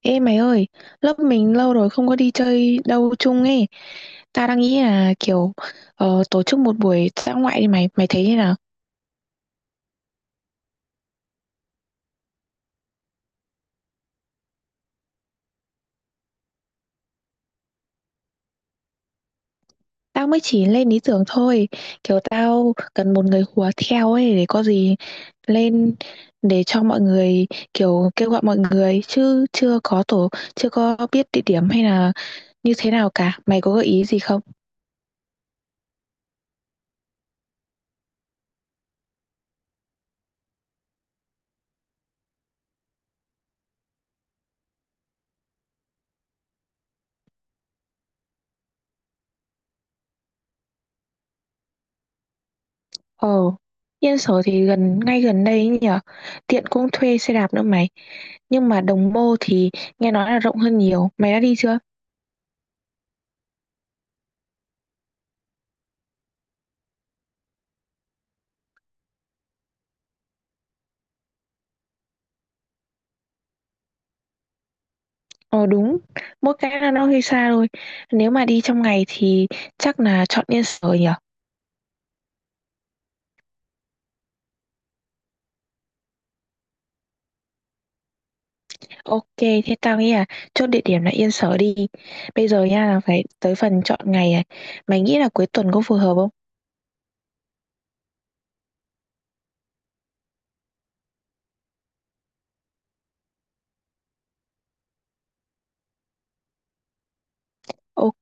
Ê mày ơi, lớp mình lâu rồi không có đi chơi đâu chung ấy. Ta đang nghĩ là kiểu tổ chức một buổi dã ngoại đi mày, mày thấy thế nào? Tao mới chỉ lên ý tưởng thôi. Kiểu tao cần một người hùa theo ấy để có gì lên để cho mọi người kiểu kêu gọi mọi người chứ chưa có tổ, chưa có biết địa điểm hay là như thế nào cả. Mày có gợi ý gì không? Ờ, Yên Sở thì gần ngay gần đây ấy nhỉ. Tiện cũng thuê xe đạp nữa mày. Nhưng mà Đồng Mô thì nghe nói là rộng hơn nhiều. Mày đã đi chưa? Ờ đúng, mỗi cái là nó hơi xa thôi. Nếu mà đi trong ngày thì chắc là chọn Yên Sở nhỉ. Ok, thế tao nghĩ là chốt địa điểm là Yên Sở đi. Bây giờ nha là phải tới phần chọn ngày này. Mày nghĩ là cuối tuần có phù hợp không? Ok,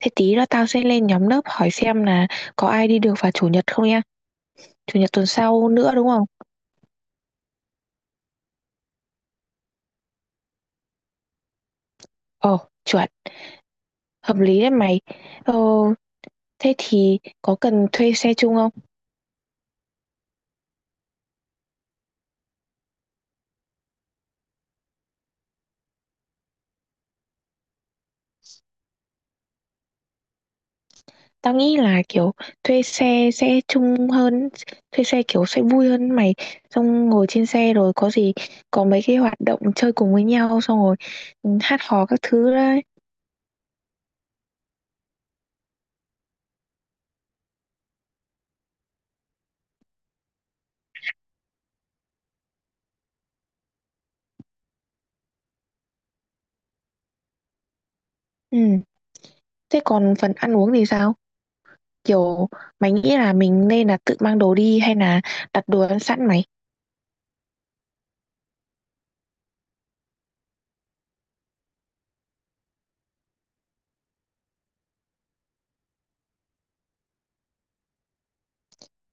thế tí nữa tao sẽ lên nhóm lớp hỏi xem là có ai đi được vào chủ nhật không nha. Chủ nhật tuần sau nữa đúng không? Ồ chuẩn. Hợp lý đấy mày. ờ, Thế thì có cần thuê xe chung không? Tao nghĩ là kiểu thuê xe sẽ chung hơn, thuê xe kiểu sẽ vui hơn mày. Xong ngồi trên xe rồi có gì có mấy cái hoạt động chơi cùng với nhau, xong rồi hát hò các thứ đấy. Ừ. Thế còn phần ăn uống thì sao? Kiểu mày nghĩ là mình nên là tự mang đồ đi hay là đặt đồ ăn sẵn mày?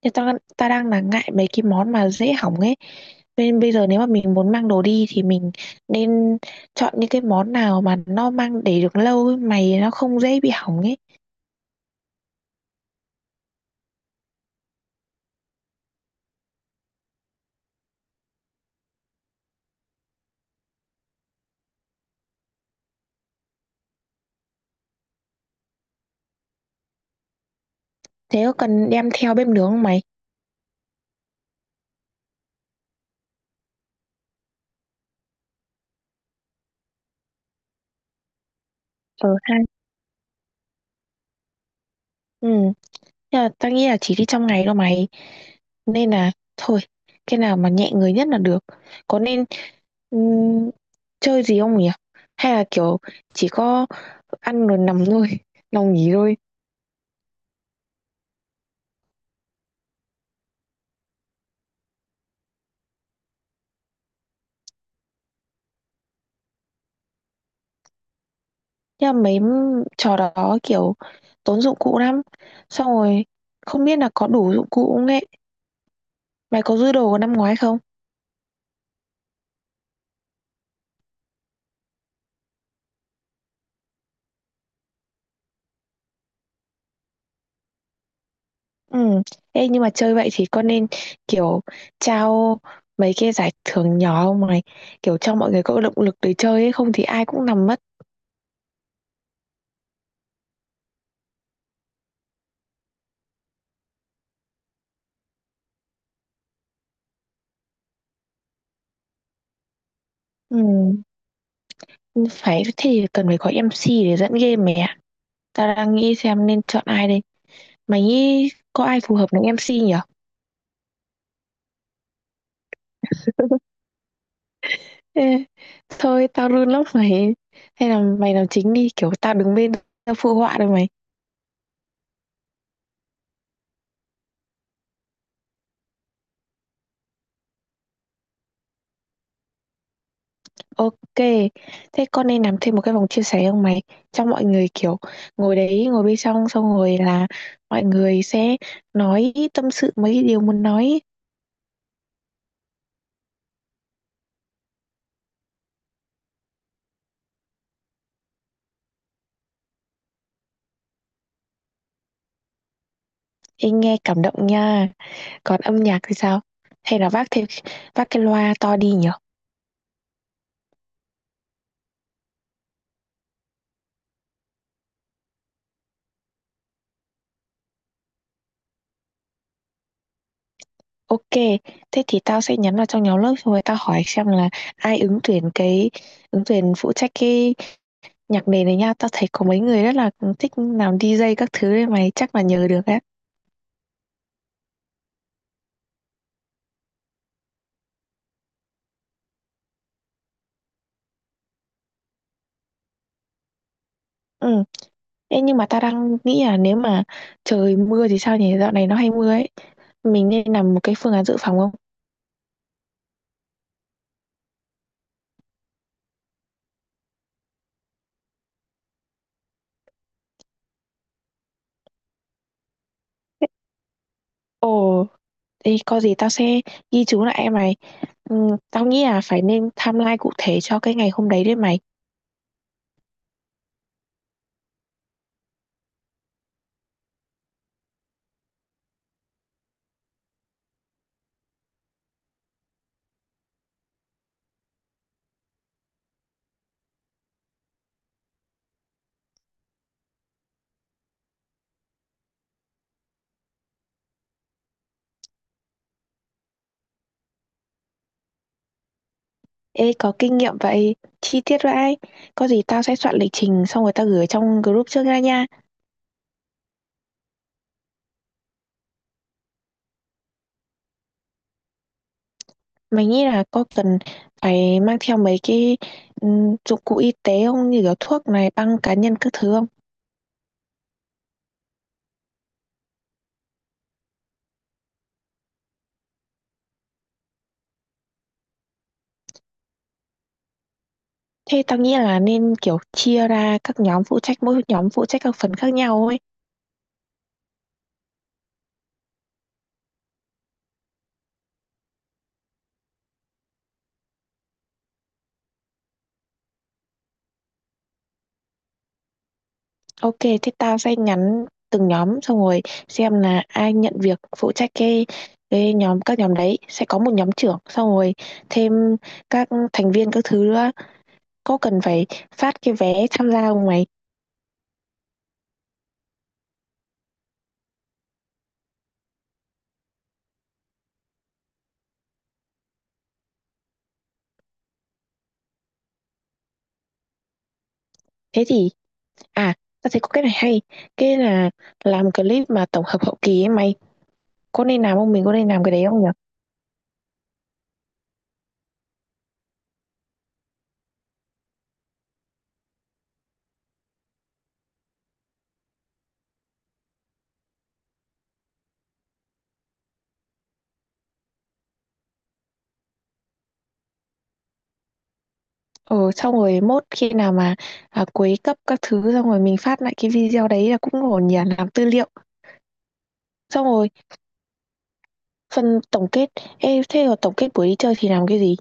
Thì ta đang là ngại mấy cái món mà dễ hỏng ấy. Nên bây giờ nếu mà mình muốn mang đồ đi thì mình nên chọn những cái món nào mà nó mang để được lâu ấy, mày nó không dễ bị hỏng ấy. Thế có cần đem theo bếp nướng không mày? Ờ ha. Ừ. Nhưng mà tao nghĩ là chỉ đi trong ngày đâu mày. Nên là thôi, cái nào mà nhẹ người nhất là được. Có nên ừm, chơi gì không nhỉ? Hay là kiểu chỉ có ăn rồi nằm thôi, nằm nghỉ thôi. Nhưng mà mấy trò đó kiểu tốn dụng cụ lắm. Xong rồi không biết là có đủ dụng cụ không ấy. Mày có dư đồ năm ngoái không? Ừ. Ê nhưng mà chơi vậy thì con nên kiểu trao mấy cái giải thưởng nhỏ không này. Kiểu cho mọi người có động lực để chơi ấy. Không thì ai cũng nằm mất. Ừ. Phải thế thì cần phải có em MC để dẫn game mày ạ. Tao đang nghĩ xem nên chọn ai đây. Mày nghĩ có ai phù hợp làm em MC nhỉ? Ê, thôi tao run lắm mày. Hay là mày làm chính đi. Kiểu tao đứng bên, tao phụ họa rồi mày. Ok. Thế con nên làm thêm một cái vòng chia sẻ không mày? Cho mọi người kiểu ngồi đấy, ngồi bên trong, xong rồi là mọi người sẽ nói tâm sự, mấy cái điều muốn nói. Ê, nghe cảm động nha. Còn âm nhạc thì sao? Hay là vác cái loa to đi nhở? Ok. Thế thì tao sẽ nhắn vào trong nhóm lớp, xong rồi tao hỏi xem là ai ứng tuyển phụ trách cái nhạc nền này nha. Tao thấy có mấy người rất là thích làm DJ các thứ đấy, mày chắc là nhớ được đấy. Ừ. Ê, nhưng mà tao đang nghĩ là nếu mà trời mưa thì sao nhỉ, dạo này nó hay mưa ấy. Mình nên làm một cái phương án dự phòng không? Ồ, thì có gì tao sẽ ghi chú lại em mày. ừ, Tao nghĩ là phải nên timeline cụ thể cho cái ngày hôm đấy đấy mày. Ê, có kinh nghiệm vậy, chi tiết vậy, có gì tao sẽ soạn lịch trình xong rồi tao gửi trong group trước ra nha. Mình nghĩ là có cần phải mang theo mấy cái dụng cụ y tế không? Như kiểu thuốc này, băng cá nhân các thứ không? Thế tao nghĩ là nên, kiểu, chia ra các nhóm phụ trách, mỗi nhóm phụ trách các phần khác nhau ấy. Ok, thế tao sẽ nhắn từng nhóm xong rồi xem là ai nhận việc phụ trách cái nhóm, các nhóm đấy, sẽ có một nhóm trưởng, xong rồi thêm các thành viên các thứ nữa. Có cần phải phát cái vé tham gia không mày? Thế thì À, ta thấy có cái này hay. Cái là làm clip mà tổng hợp hậu kỳ ấy mày. Có nên làm không? Mình có nên làm cái đấy không nhỉ? Ừ, xong rồi mốt khi nào mà à, cuối cấp các thứ xong rồi mình phát lại cái video đấy là cũng ổn nhỉ, làm tư liệu. Xong rồi phần tổng kết. Ê, thế rồi tổng kết buổi đi chơi thì làm cái gì?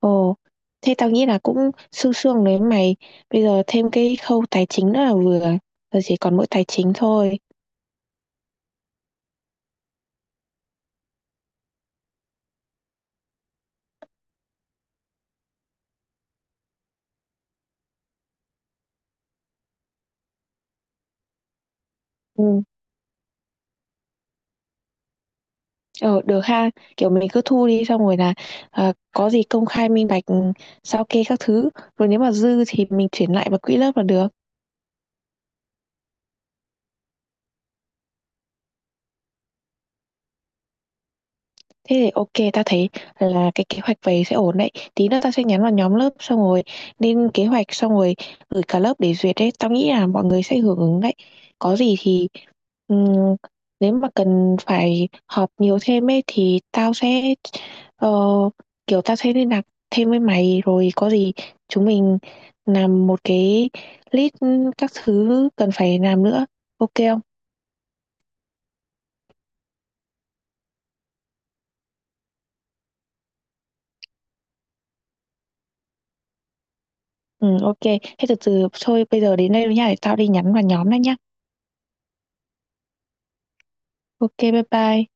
Ồ, thế tao nghĩ là cũng sương sương đấy mày. Bây giờ thêm cái khâu tài chính nữa là vừa. Giờ chỉ còn mỗi tài chính thôi. Ừ. Ờ, được ha, kiểu mình cứ thu đi xong rồi là à, có gì công khai minh bạch, sao kê các thứ, rồi nếu mà dư thì mình chuyển lại vào quỹ lớp là được. Thế thì ok, ta thấy là cái kế hoạch về sẽ ổn đấy. Tí nữa tao sẽ nhắn vào nhóm lớp xong rồi lên kế hoạch xong rồi gửi cả lớp để duyệt đấy. Tao nghĩ là mọi người sẽ hưởng ứng đấy. Có gì thì ừm, nếu mà cần phải họp nhiều thêm ấy thì tao sẽ ờ, kiểu tao sẽ liên lạc thêm với mày rồi có gì chúng mình làm một cái list các thứ cần phải làm nữa. Ok không? Ừ, ok. Thế từ từ thôi bây giờ đến đây rồi nha, để tao đi nhắn vào nhóm đã nhá. Ok, bye bye.